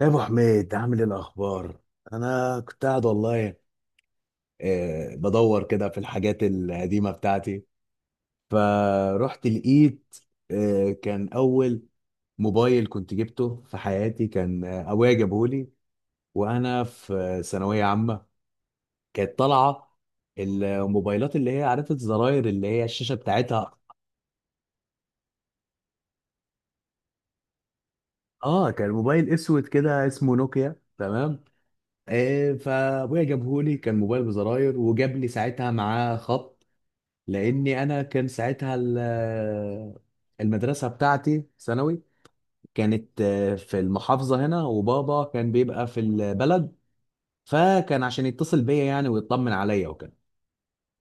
يا ابو حميد، عامل ايه الاخبار؟ انا كنت قاعد والله. بدور كده في الحاجات القديمه بتاعتي. فرحت لقيت كان اول موبايل كنت جبته في حياتي، كان ابويا جابهولي وانا في ثانويه عامه. كانت طالعه الموبايلات اللي هي عرفت زراير، اللي هي الشاشه بتاعتها. اه، كان موبايل اسود كده اسمه نوكيا. تمام. فابويا جابهولي، كان موبايل بزراير وجاب لي ساعتها معاه خط، لاني انا كان ساعتها المدرسه بتاعتي ثانوي. كانت في المحافظه هنا، وبابا كان بيبقى في البلد، فكان عشان يتصل بيا يعني ويطمن عليا وكده.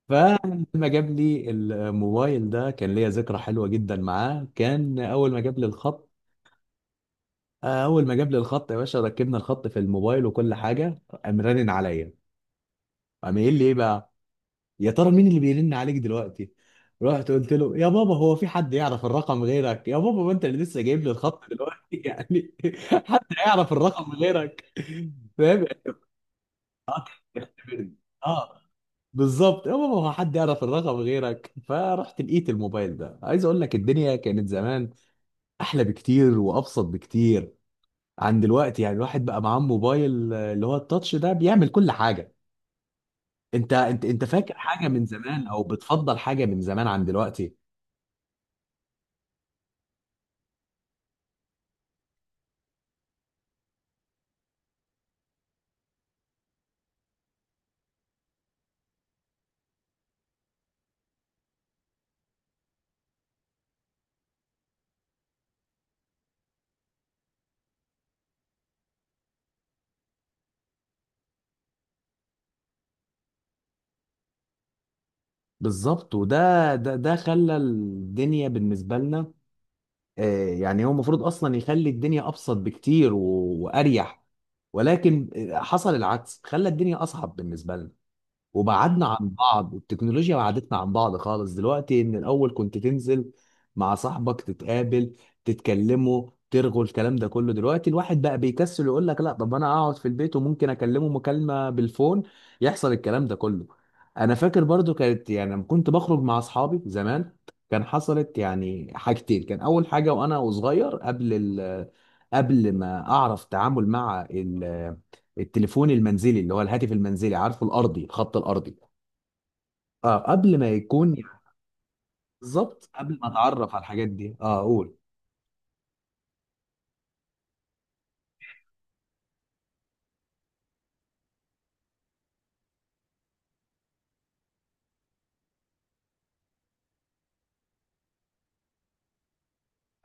فلما جاب لي الموبايل ده كان ليا ذكرى حلوه جدا معاه. كان اول ما جاب لي الخط، اول ما جاب لي الخط يا باشا، ركبنا الخط في الموبايل وكل حاجه، قام رنن عليا. قام قايل لي ايه بقى؟ يا ترى مين اللي بيرن عليك دلوقتي؟ رحت قلت له: يا بابا، هو في حد يعرف الرقم غيرك؟ يا بابا ما انت اللي لسه جايب لي الخط دلوقتي يعني. حد يعرف الرقم غيرك. فاهم يعني؟ اختبرني. اه، بالظبط يا بابا، هو حد يعرف الرقم غيرك؟ فرحت لقيت الموبايل ده. عايز اقول لك، الدنيا كانت زمان احلى بكتير وابسط بكتير عن دلوقتي. يعني الواحد بقى معاه موبايل اللي هو التاتش ده، بيعمل كل حاجة. انت فاكر حاجة من زمان او بتفضل حاجة من زمان عن دلوقتي؟ بالظبط، وده ده ده خلى الدنيا بالنسبه لنا. يعني هو المفروض اصلا يخلي الدنيا ابسط بكتير واريح. ولكن حصل العكس، خلى الدنيا اصعب بالنسبه لنا. وبعدنا عن بعض، التكنولوجيا بعدتنا عن بعض خالص دلوقتي. ان الاول كنت تنزل مع صاحبك تتقابل، تتكلموا ترغوا الكلام ده كله. دلوقتي الواحد بقى بيكسل، يقول لك لا، طب انا اقعد في البيت وممكن اكلمه مكالمة بالفون، يحصل الكلام ده كله. انا فاكر برضو، كانت يعني لما كنت بخرج مع اصحابي زمان كان حصلت يعني حاجتين. كان اول حاجة وانا صغير، قبل قبل ما اعرف تعامل مع التليفون المنزلي، اللي هو الهاتف المنزلي، عارفه؟ الارضي، الخط الارضي. اه، قبل ما يكون يعني، بالظبط، قبل ما اتعرف على الحاجات دي. اه، قول.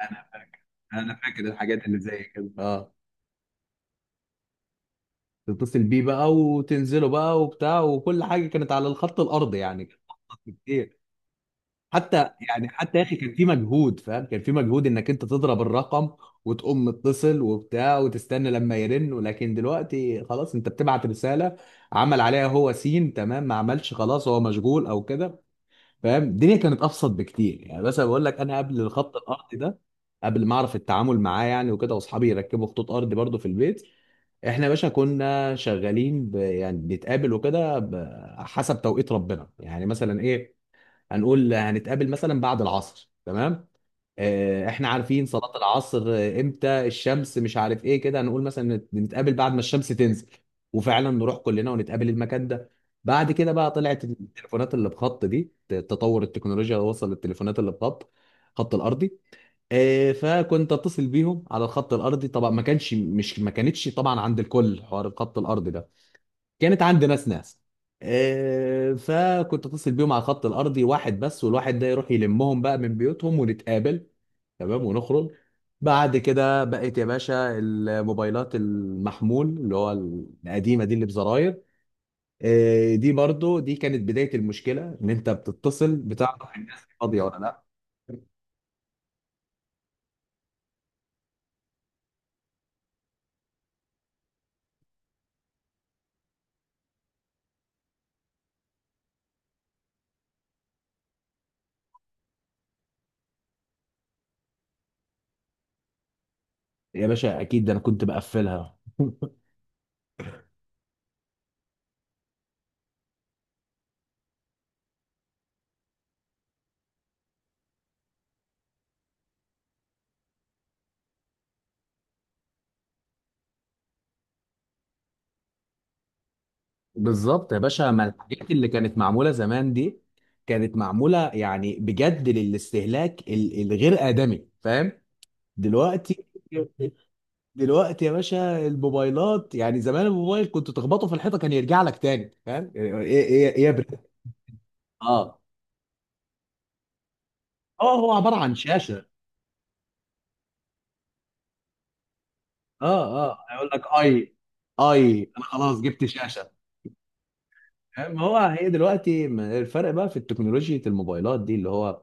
انا فاكر انا فاكر الحاجات اللي زي كده. اه، تتصل بيه بقى وتنزله بقى وبتاع، وكل حاجه كانت على الخط الارضي يعني كتير. حتى، يعني حتى يا اخي، كان في مجهود، فاهم؟ كان في مجهود انك انت تضرب الرقم وتقوم متصل وبتاع وتستنى لما يرن. ولكن دلوقتي خلاص، انت بتبعت رسالة، عمل عليها هو سين، تمام. ما عملش، خلاص هو مشغول او كده. فاهم، الدنيا كانت ابسط بكتير يعني. بس أنا بقول لك، انا قبل الخط الارضي ده، قبل ما اعرف التعامل معاه يعني وكده، واصحابي يركبوا خطوط ارضي برضو في البيت، احنا يا باشا كنا شغالين يعني بنتقابل وكده حسب توقيت ربنا يعني. مثلا ايه؟ هنقول هنتقابل مثلا بعد العصر، تمام. احنا عارفين صلاة العصر امتى، الشمس مش عارف ايه كده. هنقول مثلا نتقابل بعد ما الشمس تنزل، وفعلا نروح كلنا ونتقابل المكان ده. بعد كده بقى طلعت التليفونات اللي بخط دي، تطور التكنولوجيا وصل للتليفونات اللي بخط، خط الارضي. فكنت اتصل بيهم على الخط الارضي. طبعا ما كانش مش ما كانتش طبعا عند الكل حوار الخط الارضي ده. كانت عند ناس ناس. فكنت اتصل بيهم على الخط الارضي واحد بس، والواحد ده يروح يلمهم بقى من بيوتهم ونتقابل، تمام، ونخرج. بعد كده بقت يا باشا الموبايلات المحمول، اللي هو القديمه دي اللي بزراير. دي برضو دي كانت بدايه المشكله، ان انت بتتصل بتعرف الناس دي فاضيه ولا لا. يا باشا اكيد، ده انا كنت بقفلها بالظبط يا باشا، ما الحاجات اللي كانت معموله زمان دي كانت معموله يعني بجد، للاستهلاك الغير ادمي، فاهم؟ دلوقتي دلوقتي يا باشا الموبايلات، يعني زمان الموبايل كنت تخبطه في الحيطه كان يرجع لك تاني، فاهم؟ ايه ايه ايه يا برنس؟ اه، اه، هو عباره عن شاشه. اه، اه، هيقول لك اي. اي، انا خلاص جبت شاشه. ما هو هي دلوقتي، الفرق بقى في التكنولوجيا، الموبايلات دي اللي هو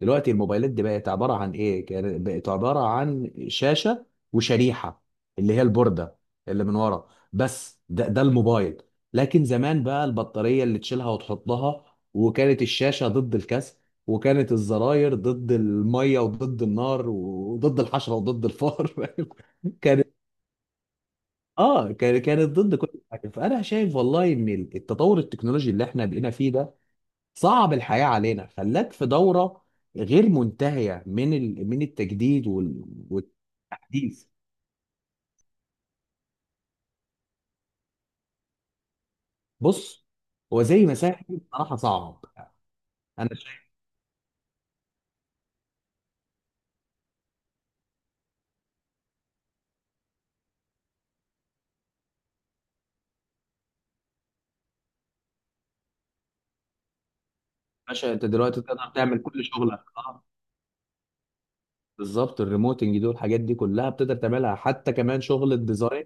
دلوقتي الموبايلات دي بقت عبارة عن ايه؟ بقت عبارة عن شاشة وشريحة، اللي هي البوردة اللي من ورا، بس ده الموبايل. لكن زمان بقى البطارية اللي تشيلها وتحطها، وكانت الشاشة ضد الكسر، وكانت الزراير ضد المية وضد النار وضد الحشرة وضد الفار كان كانت ضد كل حاجه. فانا شايف والله ان التطور التكنولوجي اللي احنا بقينا فيه ده صعب الحياه علينا، خلاك في دوره غير منتهيه من من التجديد والتحديث. بص، هو زي ما ساحل بصراحه صعب، انا شايف. باشا انت دلوقتي تقدر تعمل كل شغلك. اه، بالظبط، الريموتنج دول الحاجات دي كلها بتقدر تعملها، حتى كمان شغل الديزاين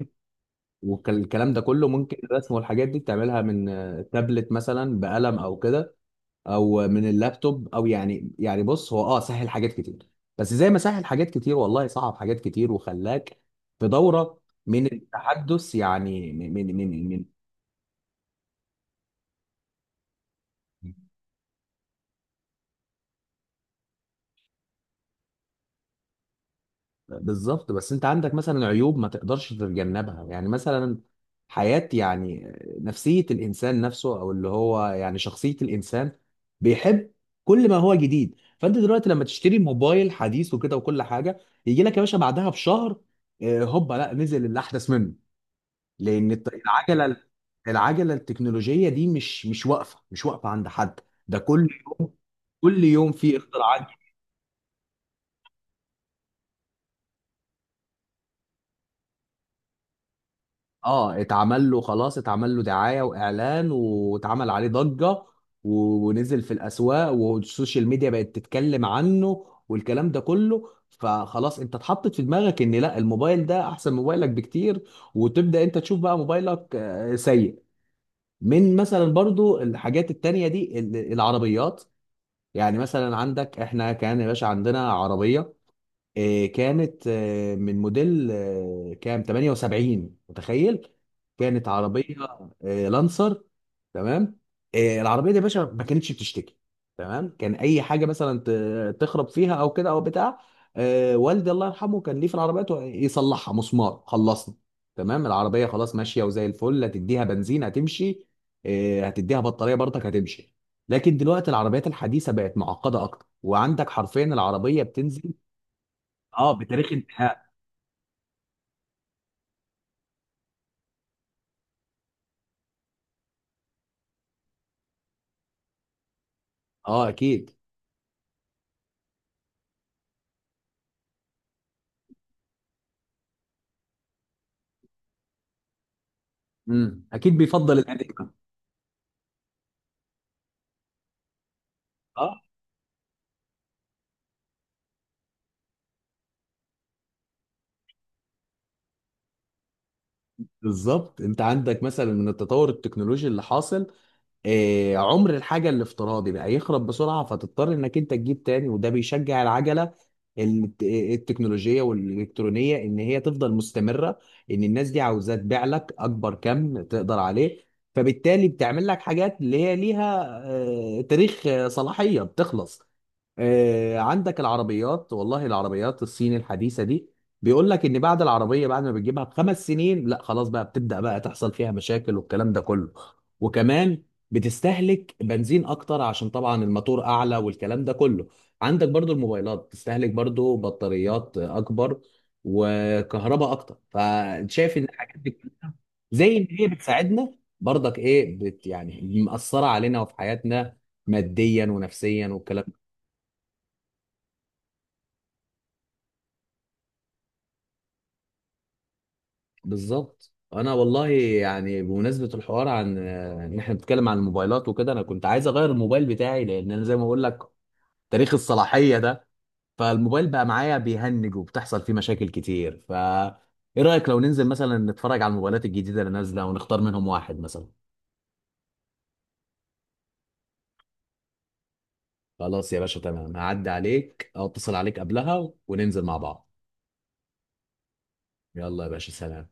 والكلام ده كله. ممكن الرسم والحاجات دي تعملها من تابلت مثلا بقلم او كده، او من اللابتوب. او يعني بص هو، سهل حاجات كتير، بس زي ما سهل حاجات كتير، والله صعب حاجات كتير وخلاك في دورة من التحدث يعني، من بالظبط. بس انت عندك مثلا عيوب ما تقدرش تتجنبها، يعني مثلا حياة يعني، نفسية الانسان نفسه، او اللي هو يعني شخصية الانسان، بيحب كل ما هو جديد. فانت دلوقتي لما تشتري موبايل حديث وكده وكل حاجة، يجي لك يا باشا بعدها بشهر هوبا، لا نزل اللي احدث منه. لان العجله، العجله التكنولوجيه دي مش واقفه، مش واقفه عند حد. ده كل يوم، كل يوم في اختراعات جديدة. اه، اتعمل له خلاص، اتعمل له دعايه واعلان، واتعمل عليه ضجه، ونزل في الاسواق، والسوشيال ميديا بقت تتكلم عنه والكلام ده كله. فخلاص انت اتحطت في دماغك ان لا، الموبايل ده احسن من موبايلك بكتير، وتبدا انت تشوف بقى موبايلك سيء. من مثلا برضو، الحاجات التانية دي العربيات. يعني مثلا عندك، احنا كان يا باشا عندنا عربيه، كانت من موديل كام، 78 متخيل؟ كانت عربيه لانسر، تمام. العربيه دي يا باشا ما كانتش بتشتكي، تمام. كان اي حاجه مثلا تخرب فيها او كده او بتاع، والدي الله يرحمه كان ليه في العربيات، يصلحها مسمار خلصنا، تمام. العربيه خلاص ماشيه وزي الفل. هتديها بنزين هتمشي، هتديها بطاريه برضك هتمشي. لكن دلوقتي العربيات الحديثه بقت معقده اكتر، وعندك حرفيا العربيه بتنزل اه بتاريخ انتهاء. اه اكيد. امم، اكيد بيفضل القديم. اه، بالظبط، انت عندك مثلا من التطور التكنولوجي اللي حاصل، عمر الحاجة الافتراضي بقى يخرب بسرعة، فتضطر انك انت تجيب تاني، وده بيشجع العجلة التكنولوجية والإلكترونية ان هي تفضل مستمرة. ان الناس دي عاوزة تبيع لك اكبر كم تقدر عليه. فبالتالي بتعمل لك حاجات اللي هي ليها تاريخ صلاحية بتخلص. عندك العربيات، والله العربيات الصين الحديثة دي بيقول لك ان بعد العربية، بعد ما بتجيبها بـ5 سنين لا خلاص بقى، بتبدأ بقى تحصل فيها مشاكل والكلام ده كله. وكمان بتستهلك بنزين اكتر، عشان طبعا الماتور اعلى والكلام ده كله. عندك برضو الموبايلات بتستهلك برضو بطاريات اكبر وكهرباء اكتر، فشايف ان الحاجات دي كلها زي ان هي بتساعدنا، برضك ايه، يعني مأثرة علينا وفي حياتنا ماديا ونفسيا والكلام. بالظبط. انا والله يعني بمناسبه الحوار عن ان احنا بنتكلم عن الموبايلات وكده، انا كنت عايز اغير الموبايل بتاعي، لان انا زي ما بقول لك تاريخ الصلاحيه ده، فالموبايل بقى معايا بيهنج وبتحصل فيه مشاكل كتير. ايه رايك لو ننزل مثلا نتفرج على الموبايلات الجديده اللي نازله ونختار منهم واحد مثلا؟ خلاص يا باشا تمام، هعدي عليك او اتصل عليك قبلها وننزل مع بعض. يلا يا باشا، سلام.